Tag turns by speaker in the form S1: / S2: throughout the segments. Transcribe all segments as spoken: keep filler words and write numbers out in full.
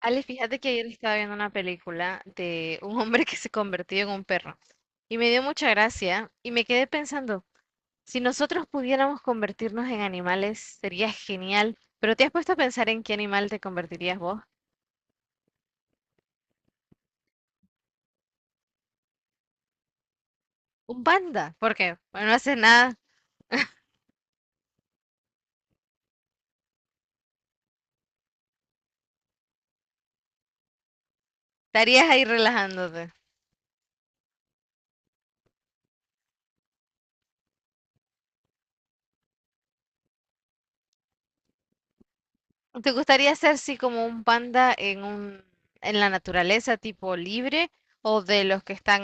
S1: Ale, fíjate que ayer estaba viendo una película de un hombre que se convirtió en un perro y me dio mucha gracia y me quedé pensando, si nosotros pudiéramos convertirnos en animales, sería genial, pero ¿te has puesto a pensar en qué animal te convertirías vos? Un panda, porque bueno, no haces nada, estarías ahí relajándote. ¿Te gustaría ser así como un panda en un, en la naturaleza, tipo libre, o de los que están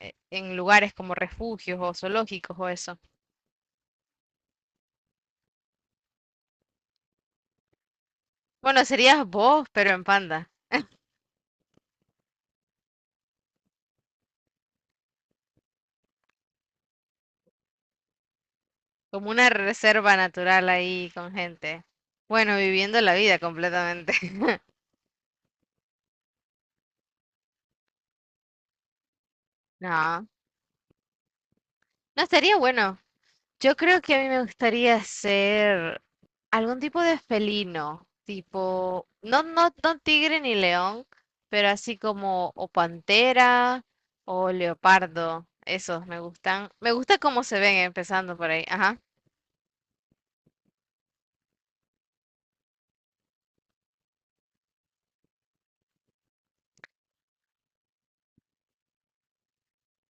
S1: eh, en lugares como refugios o zoológicos o eso? Bueno, serías vos, pero en panda, como una reserva natural ahí con gente. Bueno, viviendo la vida completamente. No, no estaría bueno. Yo creo que a mí me gustaría ser algún tipo de felino, tipo, no, no, no tigre ni león, pero así como o pantera o leopardo. Esos me gustan. Me gusta cómo se ven empezando por ahí. Ajá.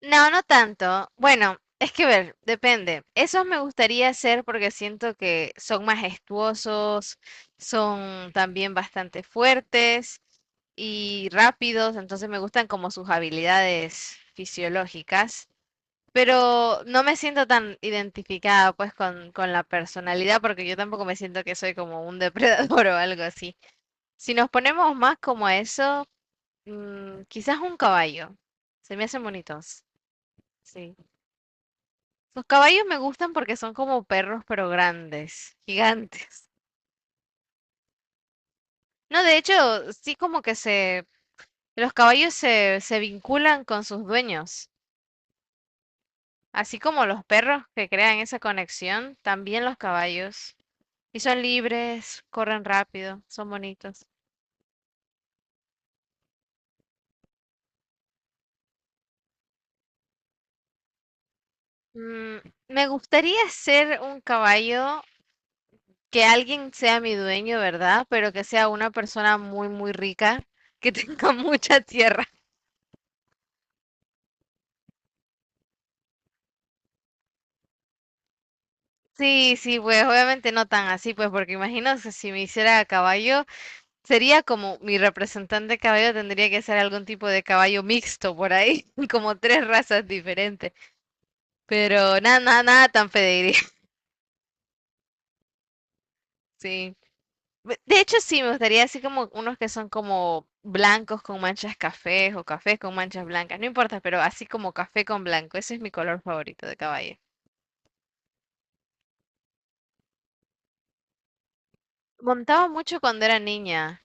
S1: No, no tanto. Bueno, es que ver, depende. Esos me gustaría hacer porque siento que son majestuosos, son también bastante fuertes y rápidos, entonces me gustan como sus habilidades fisiológicas, pero no me siento tan identificada pues con, con la personalidad porque yo tampoco me siento que soy como un depredador o algo así. Si nos ponemos más como a eso, mm, quizás un caballo. Se me hacen bonitos. Sí. Los caballos me gustan porque son como perros, pero grandes, gigantes. No, de hecho, sí como que se, los caballos se, se vinculan con sus dueños. Así como los perros que crean esa conexión, también los caballos. Y son libres, corren rápido, son bonitos. Mm, me gustaría ser un caballo que alguien sea mi dueño, ¿verdad? Pero que sea una persona muy, muy rica, que tenga mucha tierra. Sí, sí, pues obviamente no tan así, pues porque imagino que si me hiciera a caballo, sería como mi representante caballo tendría que ser algún tipo de caballo mixto por ahí, como tres razas diferentes, pero nada, nada, nada tan pediría, sí. Be- De hecho, sí, me gustaría así como unos que son como blancos con manchas cafés o cafés con manchas blancas, no importa, pero así como café con blanco, ese es mi color favorito de caballo. Montaba mucho cuando era niña,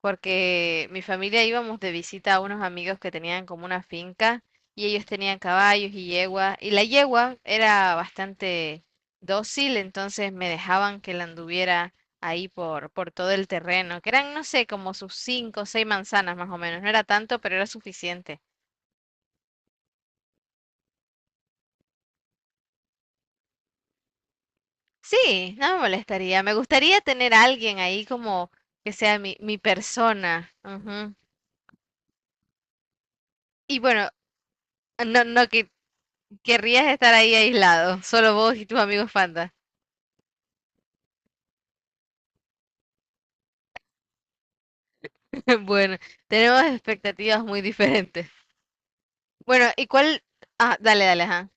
S1: porque mi familia íbamos de visita a unos amigos que tenían como una finca y ellos tenían caballos y yegua y la yegua era bastante dócil, entonces me dejaban que la anduviera ahí por, por todo el terreno, que eran, no sé, como sus cinco o seis manzanas más o menos, no era tanto, pero era suficiente. Sí, no me molestaría, me gustaría tener a alguien ahí como que sea mi, mi persona. Ujú. Y bueno, no, no que querrías estar ahí aislado, solo vos y tus amigos fantas. Bueno, tenemos expectativas muy diferentes. Bueno, ¿y cuál? Ah, dale, dale, ajá.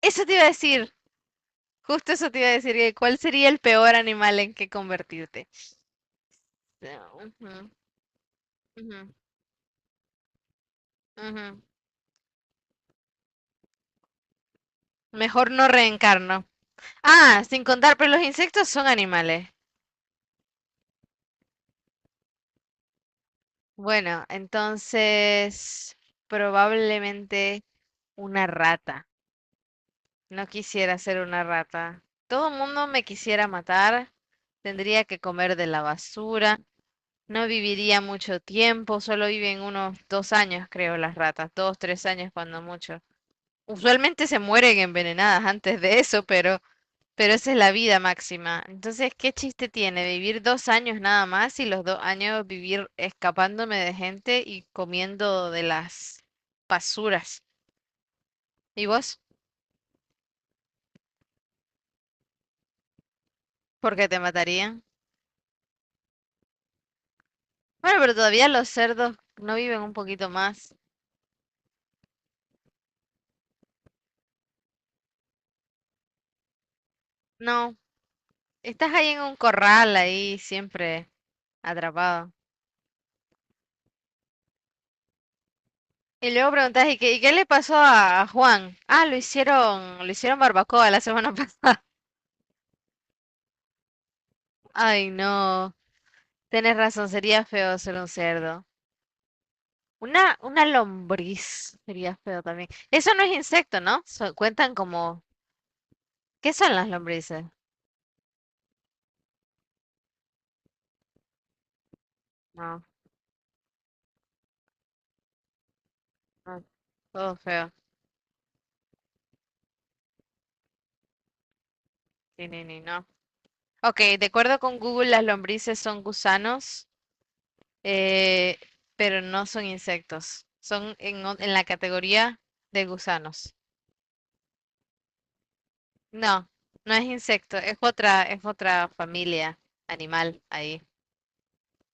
S1: Eso te iba a decir, justo eso te iba a decir, que ¿cuál sería el peor animal en que convertirte? Ah, ujú, ujú, ujú. Mejor no reencarno. Ah, sin contar, pero los insectos son animales. Bueno, entonces probablemente una rata. No quisiera ser una rata. Todo el mundo me quisiera matar. Tendría que comer de la basura. No viviría mucho tiempo, solo viven unos dos años, creo, las ratas, dos, tres años cuando mucho. Usualmente se mueren envenenadas antes de eso, pero, pero esa es la vida máxima. Entonces, ¿qué chiste tiene vivir dos años nada más y los dos años vivir escapándome de gente y comiendo de las basuras? ¿Y vos? ¿Por qué te matarían? Bueno, pero todavía los cerdos no viven un poquito más. No, estás ahí en un corral, ahí siempre atrapado. Y luego preguntas, ¿y qué, y qué le pasó a Juan? Ah, lo hicieron, lo hicieron barbacoa la semana pasada. Ay, no. Tienes razón, sería feo ser un cerdo. Una, una lombriz sería feo también. Eso no es insecto, ¿no? So- cuentan como. ¿Qué son las lombrices? No, no, todo feo. Ni, ni, ni, no. Ok, de acuerdo con Google, las lombrices son gusanos, eh, pero no son insectos. Son en, o- en la categoría de gusanos. No, no es insecto, es otra, es otra, familia animal ahí.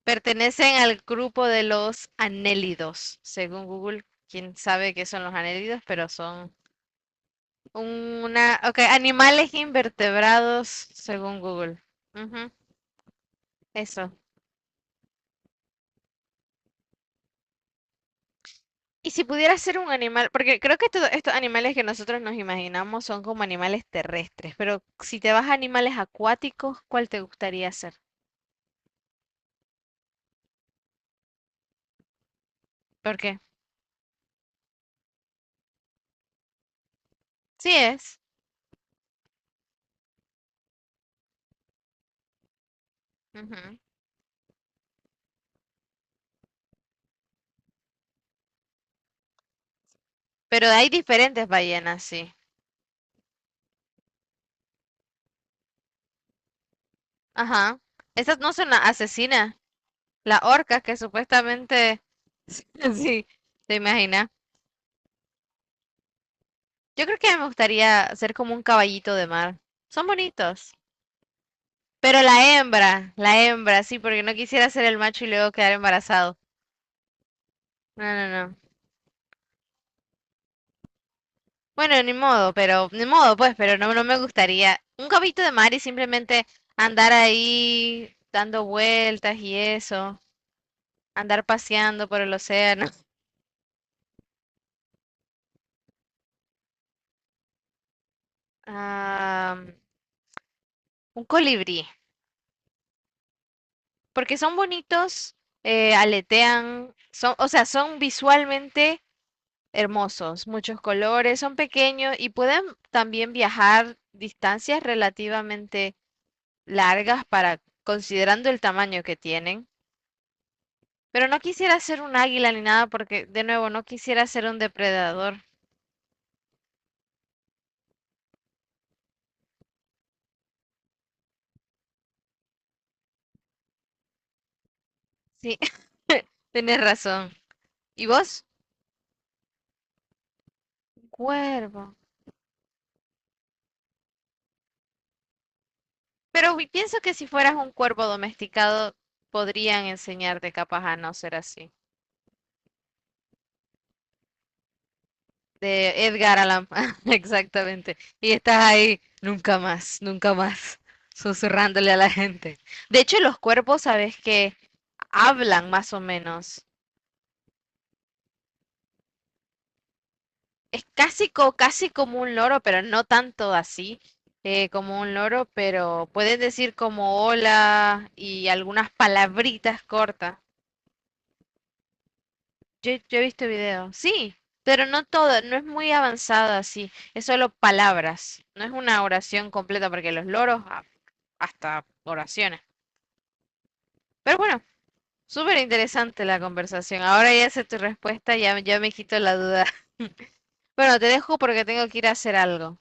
S1: Pertenecen al grupo de los anélidos, según Google. Quién sabe qué son los anélidos, pero son una, okay, animales invertebrados, según Google. Ujú, eso. Y si pudiera ser un animal, porque creo que todos estos animales que nosotros nos imaginamos son como animales terrestres, pero si te vas a animales acuáticos, ¿cuál te gustaría ser? ¿Por qué? Sí es. Ujú. Pero hay diferentes ballenas, sí. Ajá. Esas no son las asesinas, las orcas que supuestamente. Sí, te imaginas. Yo creo que me gustaría ser como un caballito de mar. Son bonitos. Pero la hembra, la hembra, sí, porque no quisiera ser el macho y luego quedar embarazado. No, no, no. Bueno, ni modo, pero, ni modo, pues, pero no, no me gustaría un caballito de mar y simplemente andar ahí dando vueltas y eso, andar paseando por el océano. Ah, un colibrí, porque son bonitos, eh, aletean, son, o sea, son visualmente hermosos, muchos colores, son pequeños y pueden también viajar distancias relativamente largas para considerando el tamaño que tienen. Pero no quisiera ser un águila ni nada porque, de nuevo, no quisiera ser un depredador. Sí, tienes razón. ¿Y vos? Un cuervo. Pero vi- pienso que si fueras un cuervo domesticado, podrían enseñarte capaz a no ser así. De Edgar Allan Poe, exactamente. Y estás ahí, nunca más, nunca más, susurrándole a la gente. De hecho, los cuervos, sabes que hablan más o menos. Es casi, co- casi como un loro, pero no tanto así eh, como un loro, pero pueden decir como hola y algunas palabritas cortas. Yo, yo he visto video, sí, pero no todo, no es muy avanzado así, es solo palabras, no es una oración completa porque los loros a- hasta oraciones. Pero bueno, súper interesante la conversación. Ahora ya sé tu respuesta, ya, ya me quito la duda. Bueno, te dejo porque tengo que ir a hacer algo.